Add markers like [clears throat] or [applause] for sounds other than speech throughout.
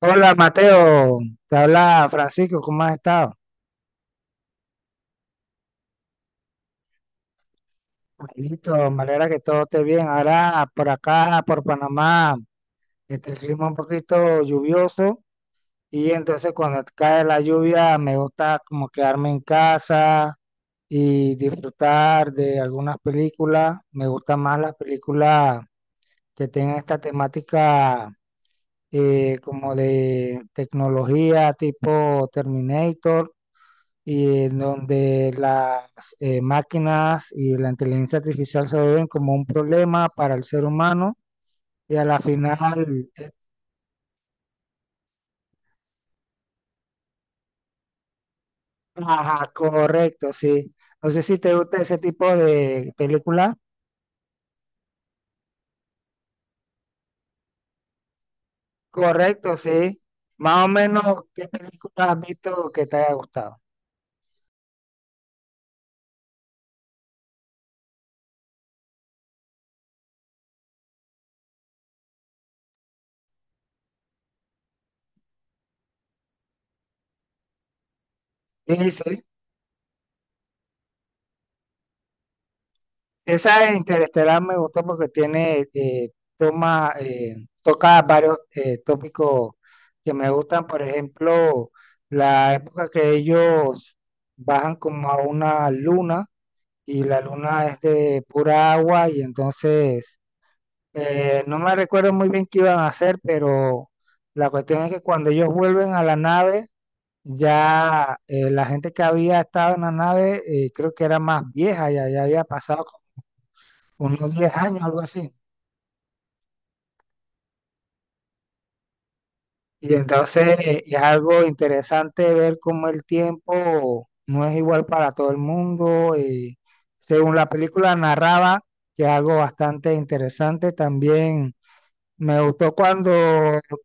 Hola Mateo, te habla Francisco, ¿cómo has estado? Listo, me alegra que todo esté bien. Ahora por acá, por Panamá, el clima un poquito lluvioso y entonces cuando cae la lluvia me gusta como quedarme en casa y disfrutar de algunas películas. Me gustan más las películas que tengan esta temática, como de tecnología tipo Terminator y en donde las máquinas y la inteligencia artificial se ven como un problema para el ser humano y a la final, ajá, correcto, sí. No sé si te gusta ese tipo de película. Correcto, sí. Más o menos, ¿qué película has visto que te haya gustado? Sí, sí. Esa de Interestelar me gustó porque tiene, toma, eh, toca varios tópicos que me gustan. Por ejemplo, la época que ellos bajan como a una luna y la luna es de pura agua y entonces no me recuerdo muy bien qué iban a hacer, pero la cuestión es que cuando ellos vuelven a la nave, ya la gente que había estado en la nave, creo que era más vieja, ya había pasado unos 10 años, algo así. Y entonces es algo interesante ver cómo el tiempo no es igual para todo el mundo. Y según la película narraba, que es algo bastante interesante también. Me gustó cuando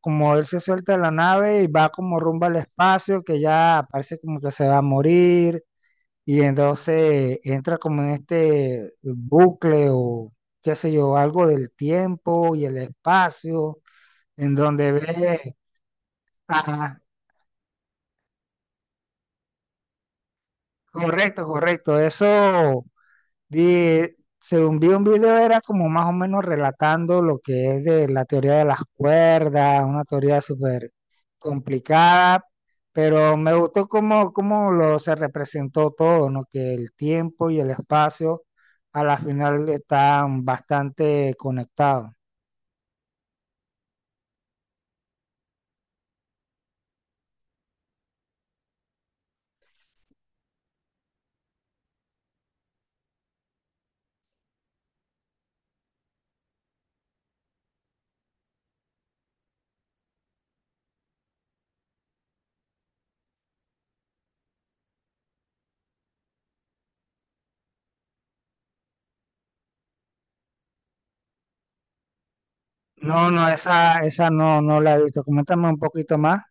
como él se suelta de la nave y va como rumbo al espacio, que ya parece como que se va a morir, y entonces entra como en este bucle o qué sé yo, algo del tiempo y el espacio, en donde ve, ajá, correcto, correcto, eso, di- según vi un video era como más o menos relatando lo que es de la teoría de las cuerdas, una teoría súper complicada, pero me gustó cómo, cómo lo se representó todo, ¿no? Que el tiempo y el espacio a la final están bastante conectados. No, no, esa no, no la he visto. Coméntame un poquito más.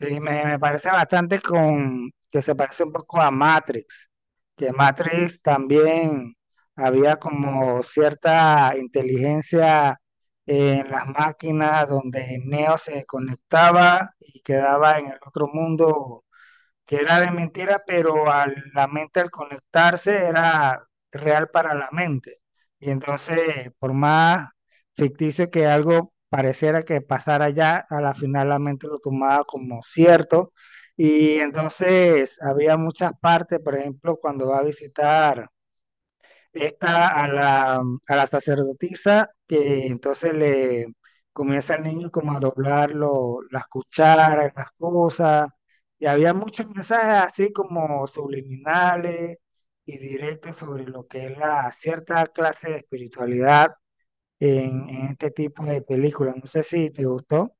Sí, me parece bastante con que se parece un poco a Matrix, que Matrix también había como cierta inteligencia en las máquinas donde Neo se conectaba y quedaba en el otro mundo que era de mentira, pero a la mente al conectarse era real para la mente. Y entonces, por más ficticio que algo pareciera que pasara ya, a la final la mente lo tomaba como cierto. Y entonces había muchas partes, por ejemplo, cuando va a visitar esta a la, a la sacerdotisa, que entonces le comienza al niño como a doblar las cucharas, las cosas, y había muchos mensajes así como subliminales y directos sobre lo que es la cierta clase de espiritualidad en este tipo de películas. No sé si te gustó.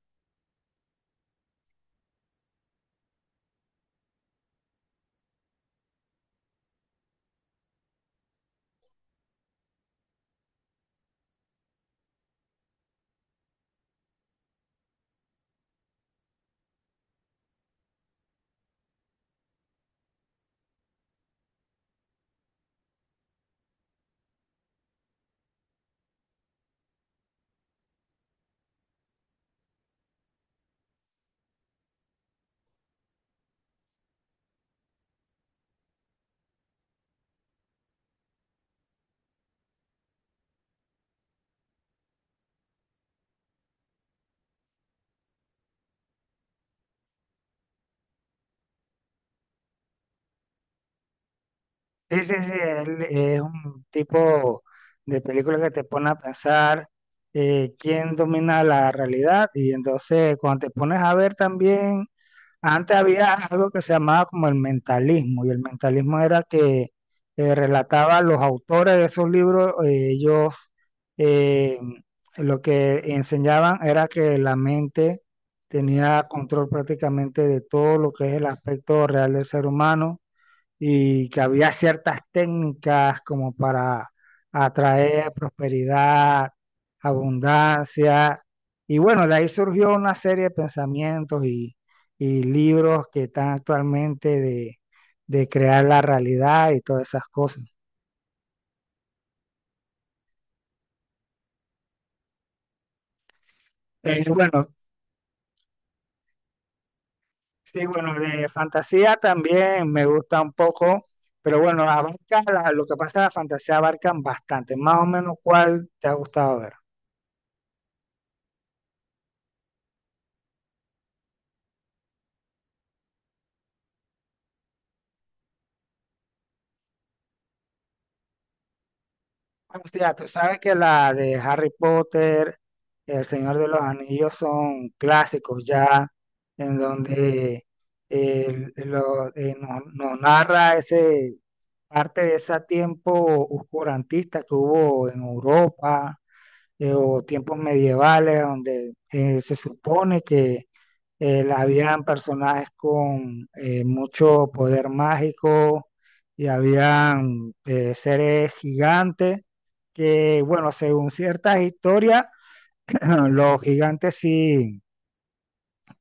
Sí, sí, sí, él es un tipo de película que te pone a pensar, quién domina la realidad y entonces cuando te pones a ver también, antes había algo que se llamaba como el mentalismo y el mentalismo era que relataba los autores de esos libros, ellos eh, lo que enseñaban era que la mente tenía control prácticamente de todo lo que es el aspecto real del ser humano y que había ciertas técnicas como para atraer prosperidad, abundancia. Y bueno, de ahí surgió una serie de pensamientos y libros que están actualmente de crear la realidad y todas esas cosas. Bueno, sí, bueno, de fantasía también me gusta un poco, pero bueno, abarca lo que pasa en la fantasía abarcan bastante. Más o menos, ¿cuál te ha gustado ver? O sea, tú sabes que la de Harry Potter, El Señor de los Anillos son clásicos ya, en donde nos narra ese parte de ese tiempo oscurantista que hubo en Europa, o tiempos medievales, donde se supone que habían personajes con mucho poder mágico y habían seres gigantes que, bueno, según ciertas historias, [clears throat] los gigantes sí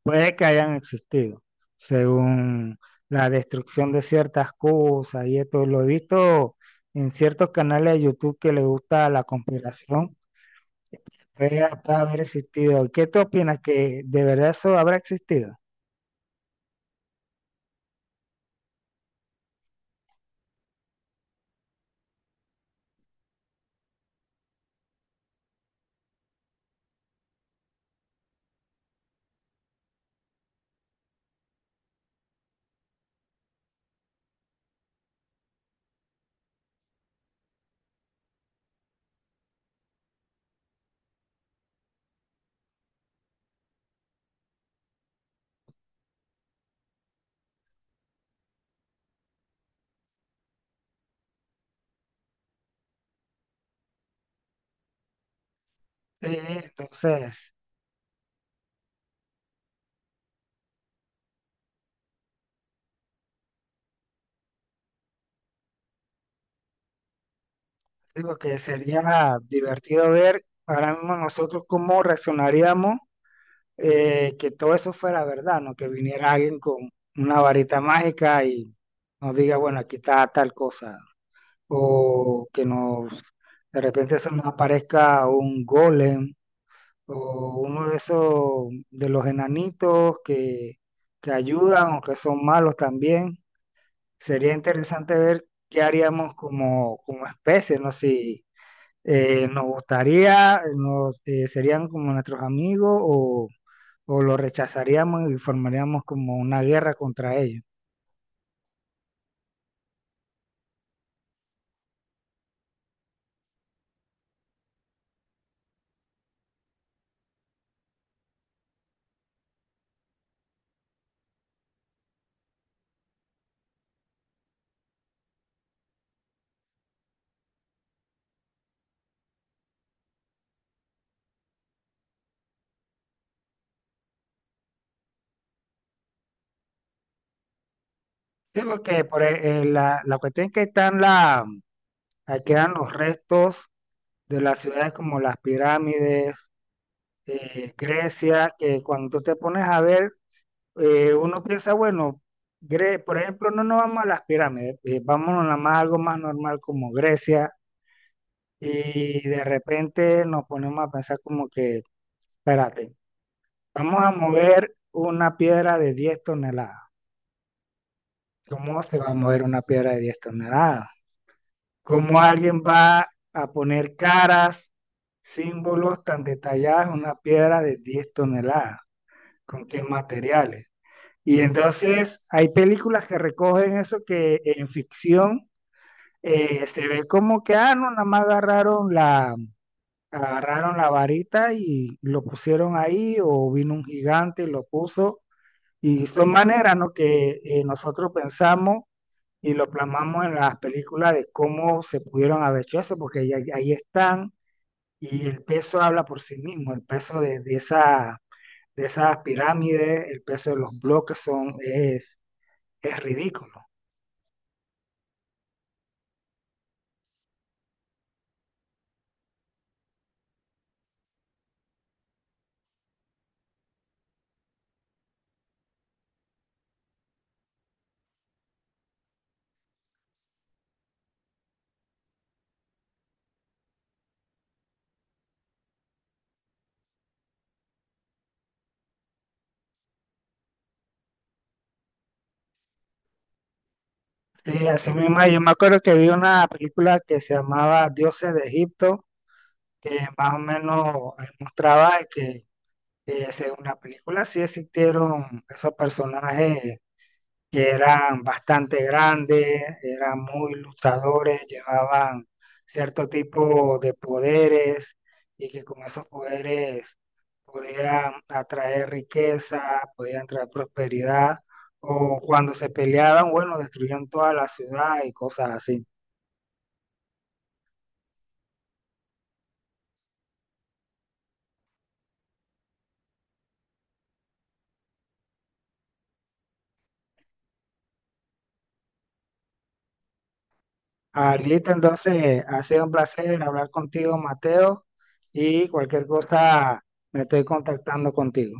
puede que hayan existido, según la destrucción de ciertas cosas y esto lo he visto en ciertos canales de YouTube que les gusta la conspiración, puede hasta haber existido. ¿Qué tú opinas que de verdad eso habrá existido? Sí, entonces... Lo que sería divertido ver ahora mismo nosotros cómo reaccionaríamos que todo eso fuera verdad, ¿no? Que viniera alguien con una varita mágica y nos diga, bueno, aquí está tal cosa. O que nos, de repente se nos aparezca un golem o uno de esos, de los enanitos que ayudan o que son malos también. Sería interesante ver qué haríamos como, como especie, ¿no? Si serían como nuestros amigos o los rechazaríamos y formaríamos como una guerra contra ellos. Sí, porque la cuestión es que ahí quedan los restos de las ciudades como las pirámides, Grecia, que cuando tú te pones a ver, uno piensa, bueno, por ejemplo, no nos vamos a las pirámides, vámonos nada más a algo más normal como Grecia, y de repente nos ponemos a pensar como que espérate, vamos a mover una piedra de 10 toneladas. ¿Cómo se va a mover una piedra de 10 toneladas? ¿Cómo alguien va a poner caras, símbolos tan detallados en una piedra de 10 toneladas? ¿Con qué materiales? Y entonces hay películas que recogen eso que en ficción se ve como que, ah, no, nada más agarraron la varita y lo pusieron ahí o vino un gigante y lo puso. Y son maneras, ¿no? Que nosotros pensamos y lo plasmamos en las películas de cómo se pudieron haber hecho eso, porque ahí están y el peso habla por sí mismo, el peso de esa, de esas pirámides, el peso de los bloques es ridículo. Sí, así mismo, yo me acuerdo que vi una película que se llamaba Dioses de Egipto, que más o menos mostraba que según la película sí existieron esos personajes que eran bastante grandes, eran muy luchadores, llevaban cierto tipo de poderes y que con esos poderes podían atraer riqueza, podían traer prosperidad, o cuando se peleaban, bueno, destruían toda la ciudad y cosas así. Ah, listo, entonces ha sido un placer hablar contigo, Mateo, y cualquier cosa me estoy contactando contigo.